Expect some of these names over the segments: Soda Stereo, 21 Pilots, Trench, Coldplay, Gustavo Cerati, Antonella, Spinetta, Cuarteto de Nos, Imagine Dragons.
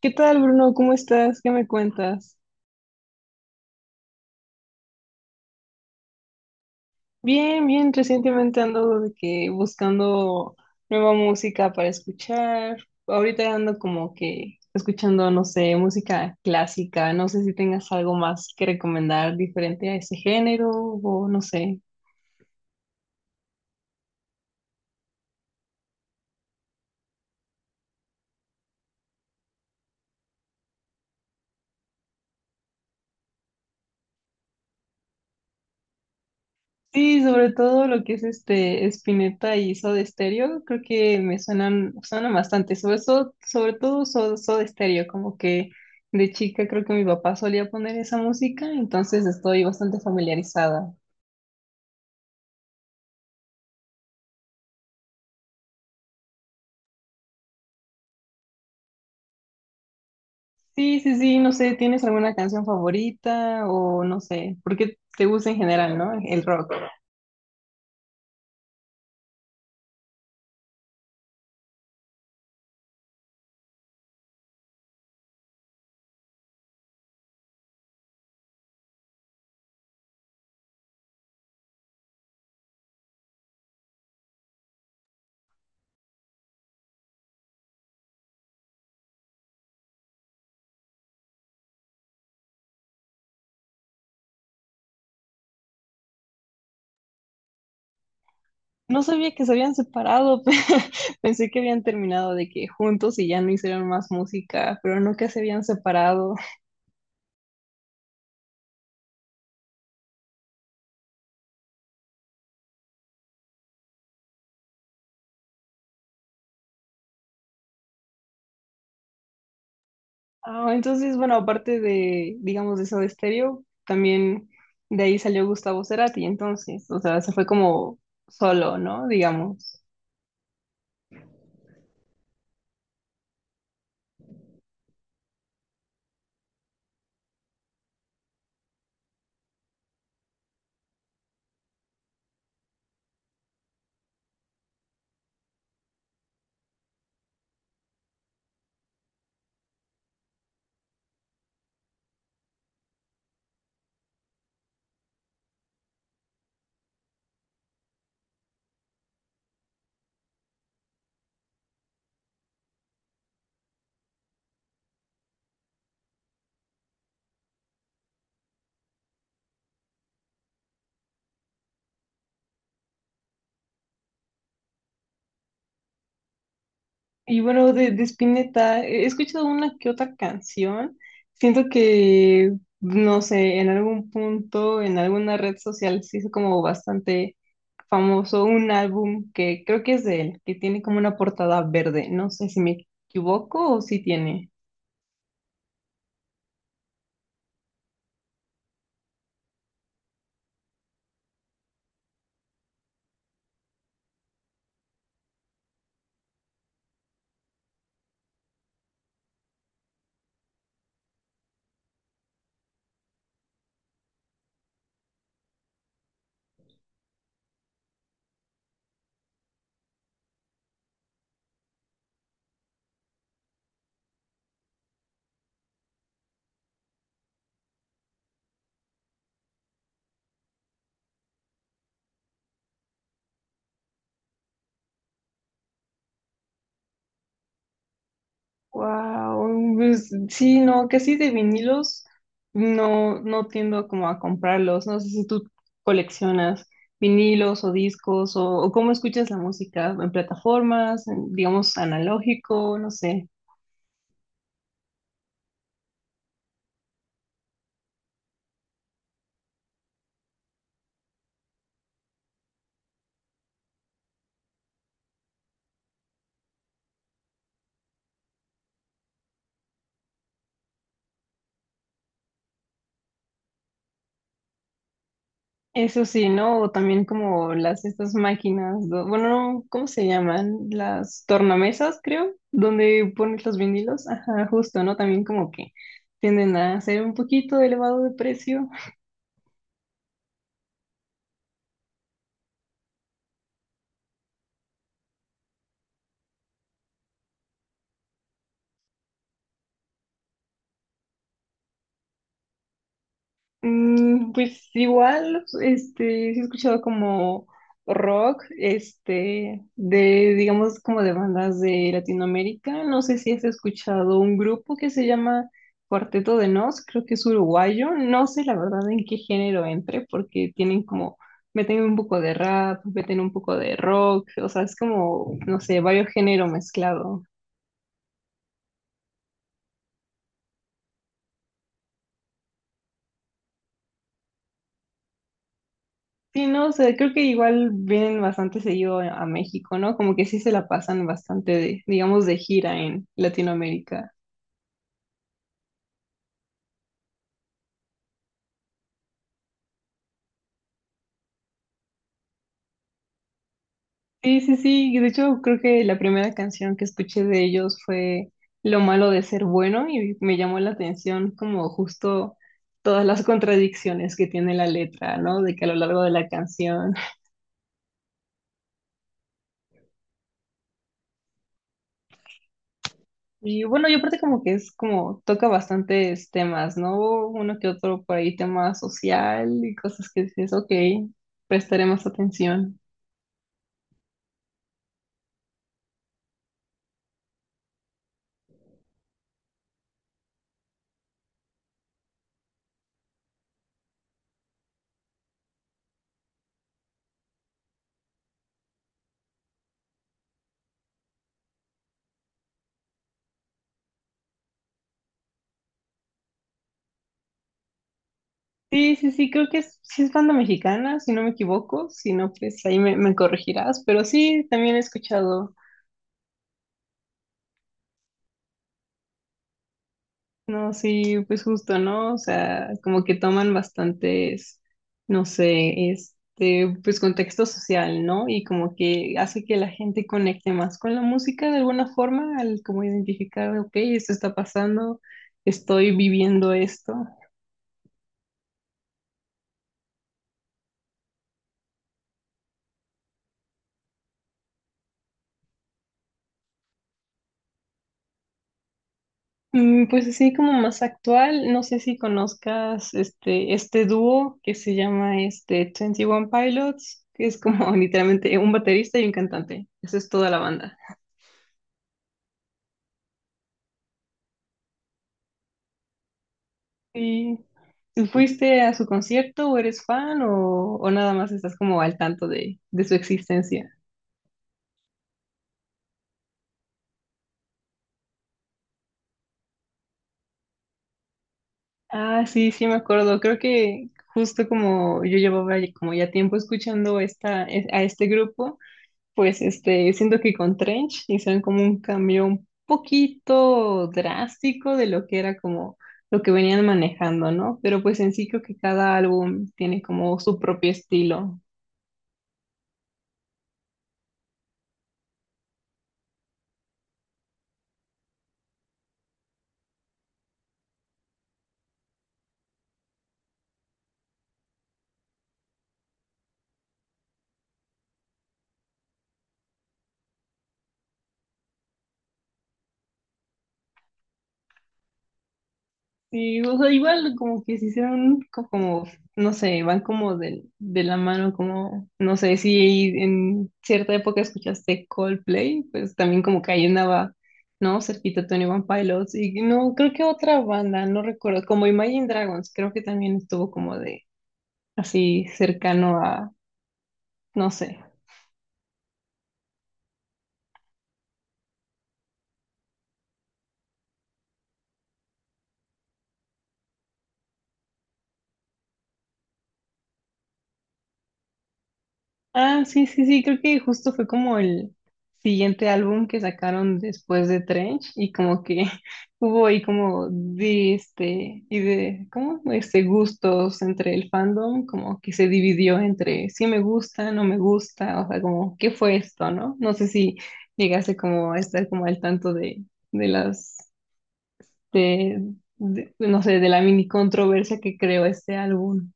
¿Qué tal, Bruno? ¿Cómo estás? ¿Qué me cuentas? Bien, bien. Recientemente ando de que buscando nueva música para escuchar. Ahorita ando como que escuchando, no sé, música clásica. No sé si tengas algo más que recomendar diferente a ese género o no sé. Sí, sobre todo lo que es este Spinetta y Soda Stereo, creo que me suenan bastante, sobre todo Soda Stereo, como que de chica creo que mi papá solía poner esa música, entonces estoy bastante familiarizada. Sí, sí, sí, no sé, ¿tienes alguna canción favorita o no sé, porque te gusta en general, no? El rock. No sabía que se habían separado. Pensé que habían terminado de que juntos y ya no hicieron más música, pero no que se habían separado. Ah, entonces, bueno, aparte de, digamos, de Soda Stereo, también de ahí salió Gustavo Cerati, entonces, o sea, se fue como solo, ¿no? Digamos. Y bueno, de Spinetta, he escuchado una que otra canción. Siento que, no sé, en algún punto, en alguna red social se hizo como bastante famoso un álbum que creo que es de él, que tiene como una portada verde. No sé si me equivoco o si tiene. Wow, pues, sí, no, casi de vinilos no, no tiendo como a comprarlos. No sé si tú coleccionas vinilos o discos o cómo escuchas la música en plataformas, en, digamos analógico, no sé. Eso sí, ¿no? O también como las estas máquinas, bueno, no, ¿cómo se llaman? Las tornamesas, creo, donde pones los vinilos. Ajá, justo, ¿no? También como que tienden a ser un poquito elevado de precio. Mm, pues igual, este, sí he escuchado como rock, este, de, digamos, como de bandas de Latinoamérica. No sé si has escuchado un grupo que se llama Cuarteto de Nos, creo que es uruguayo. No sé la verdad en qué género entre, porque tienen como, meten un poco de rap, meten un poco de rock, o sea, es como, no sé, varios géneros mezclados. Sí, no, o sea, creo que igual vienen bastante seguido a México, ¿no? Como que sí se la pasan bastante de, digamos, de gira en Latinoamérica. Sí, sí, sí. Y de hecho, creo que la primera canción que escuché de ellos fue Lo malo de ser bueno y me llamó la atención como justo todas las contradicciones que tiene la letra, ¿no? De que a lo largo de la canción. Y bueno, yo aparte como que es como toca bastantes temas, ¿no? Uno que otro por ahí, tema social y cosas que dices, ok, prestaré más atención. Sí, sí, sí, creo que es, sí es banda mexicana, si no me equivoco, si no, pues ahí me corregirás, pero sí, también he escuchado. No, sí, pues justo, ¿no? O sea, como que toman bastantes, no sé, este, pues contexto social, ¿no? Y como que hace que la gente conecte más con la música de alguna forma, al como identificar, ok, esto está pasando, estoy viviendo esto. Mm, pues así como más actual, no sé si conozcas este, este dúo que se llama este 21 Pilots, que es como literalmente un baterista y un cantante. Esa es toda la banda. Sí. ¿Tú fuiste a su concierto o eres fan o nada más estás como al tanto de su existencia? Ah, sí, sí me acuerdo. Creo que justo como yo llevaba como ya tiempo escuchando a este grupo, pues este, siento que con Trench hicieron como un cambio un poquito drástico de lo que era como lo que venían manejando, ¿no? Pero pues en sí creo que cada álbum tiene como su propio estilo. Sí, o sea, igual como que si se hicieron como, no sé, van como de la mano, como, no sé, si en cierta época escuchaste Coldplay, pues también como que ahí andaba, ¿no? Cerquita Tony One Pilots y no, creo que otra banda, no recuerdo, como Imagine Dragons, creo que también estuvo como de así cercano a, no sé. Ah, sí, sí, sí, creo que justo fue como el siguiente álbum que sacaron después de Trench y como que hubo ahí como de este y de ¿cómo? Este gustos entre el fandom, como que se dividió entre sí me gusta, no me gusta, o sea, como ¿qué fue esto, no? No sé si llegase como a estar como al tanto de las de, no sé, de la mini controversia que creó este álbum.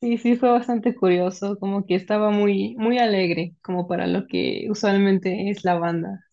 Sí, sí, fue bastante curioso, como que estaba muy, muy alegre, como para lo que usualmente es la banda.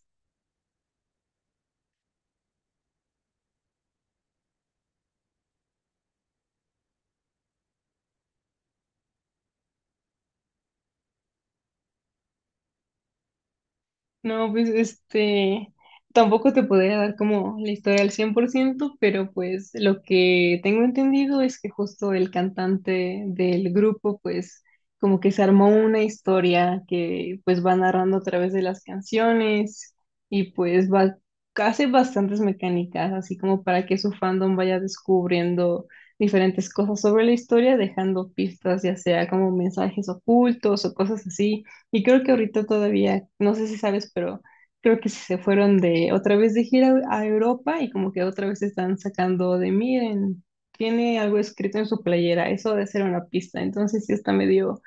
No, pues este, tampoco te podría dar como la historia al 100%, pero pues lo que tengo entendido es que justo el cantante del grupo pues como que se armó una historia que pues va narrando a través de las canciones y pues va, hace bastantes mecánicas, así como para que su fandom vaya descubriendo diferentes cosas sobre la historia, dejando pistas, ya sea como mensajes ocultos o cosas así. Y creo que ahorita todavía, no sé si sabes, pero creo que se fueron de otra vez de gira a Europa y como que otra vez están sacando de miren, tiene algo escrito en su playera, eso de ser una pista. Entonces sí está medio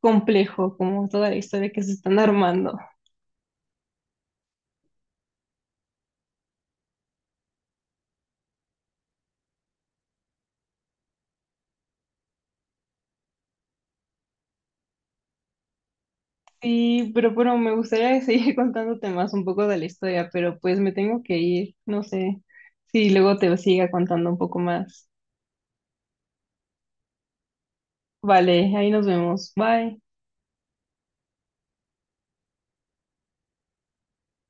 complejo como toda la historia que se están armando. Sí, pero bueno, me gustaría seguir contándote más un poco de la historia, pero pues me tengo que ir, no sé si luego te siga contando un poco más. Vale, ahí nos vemos. Bye.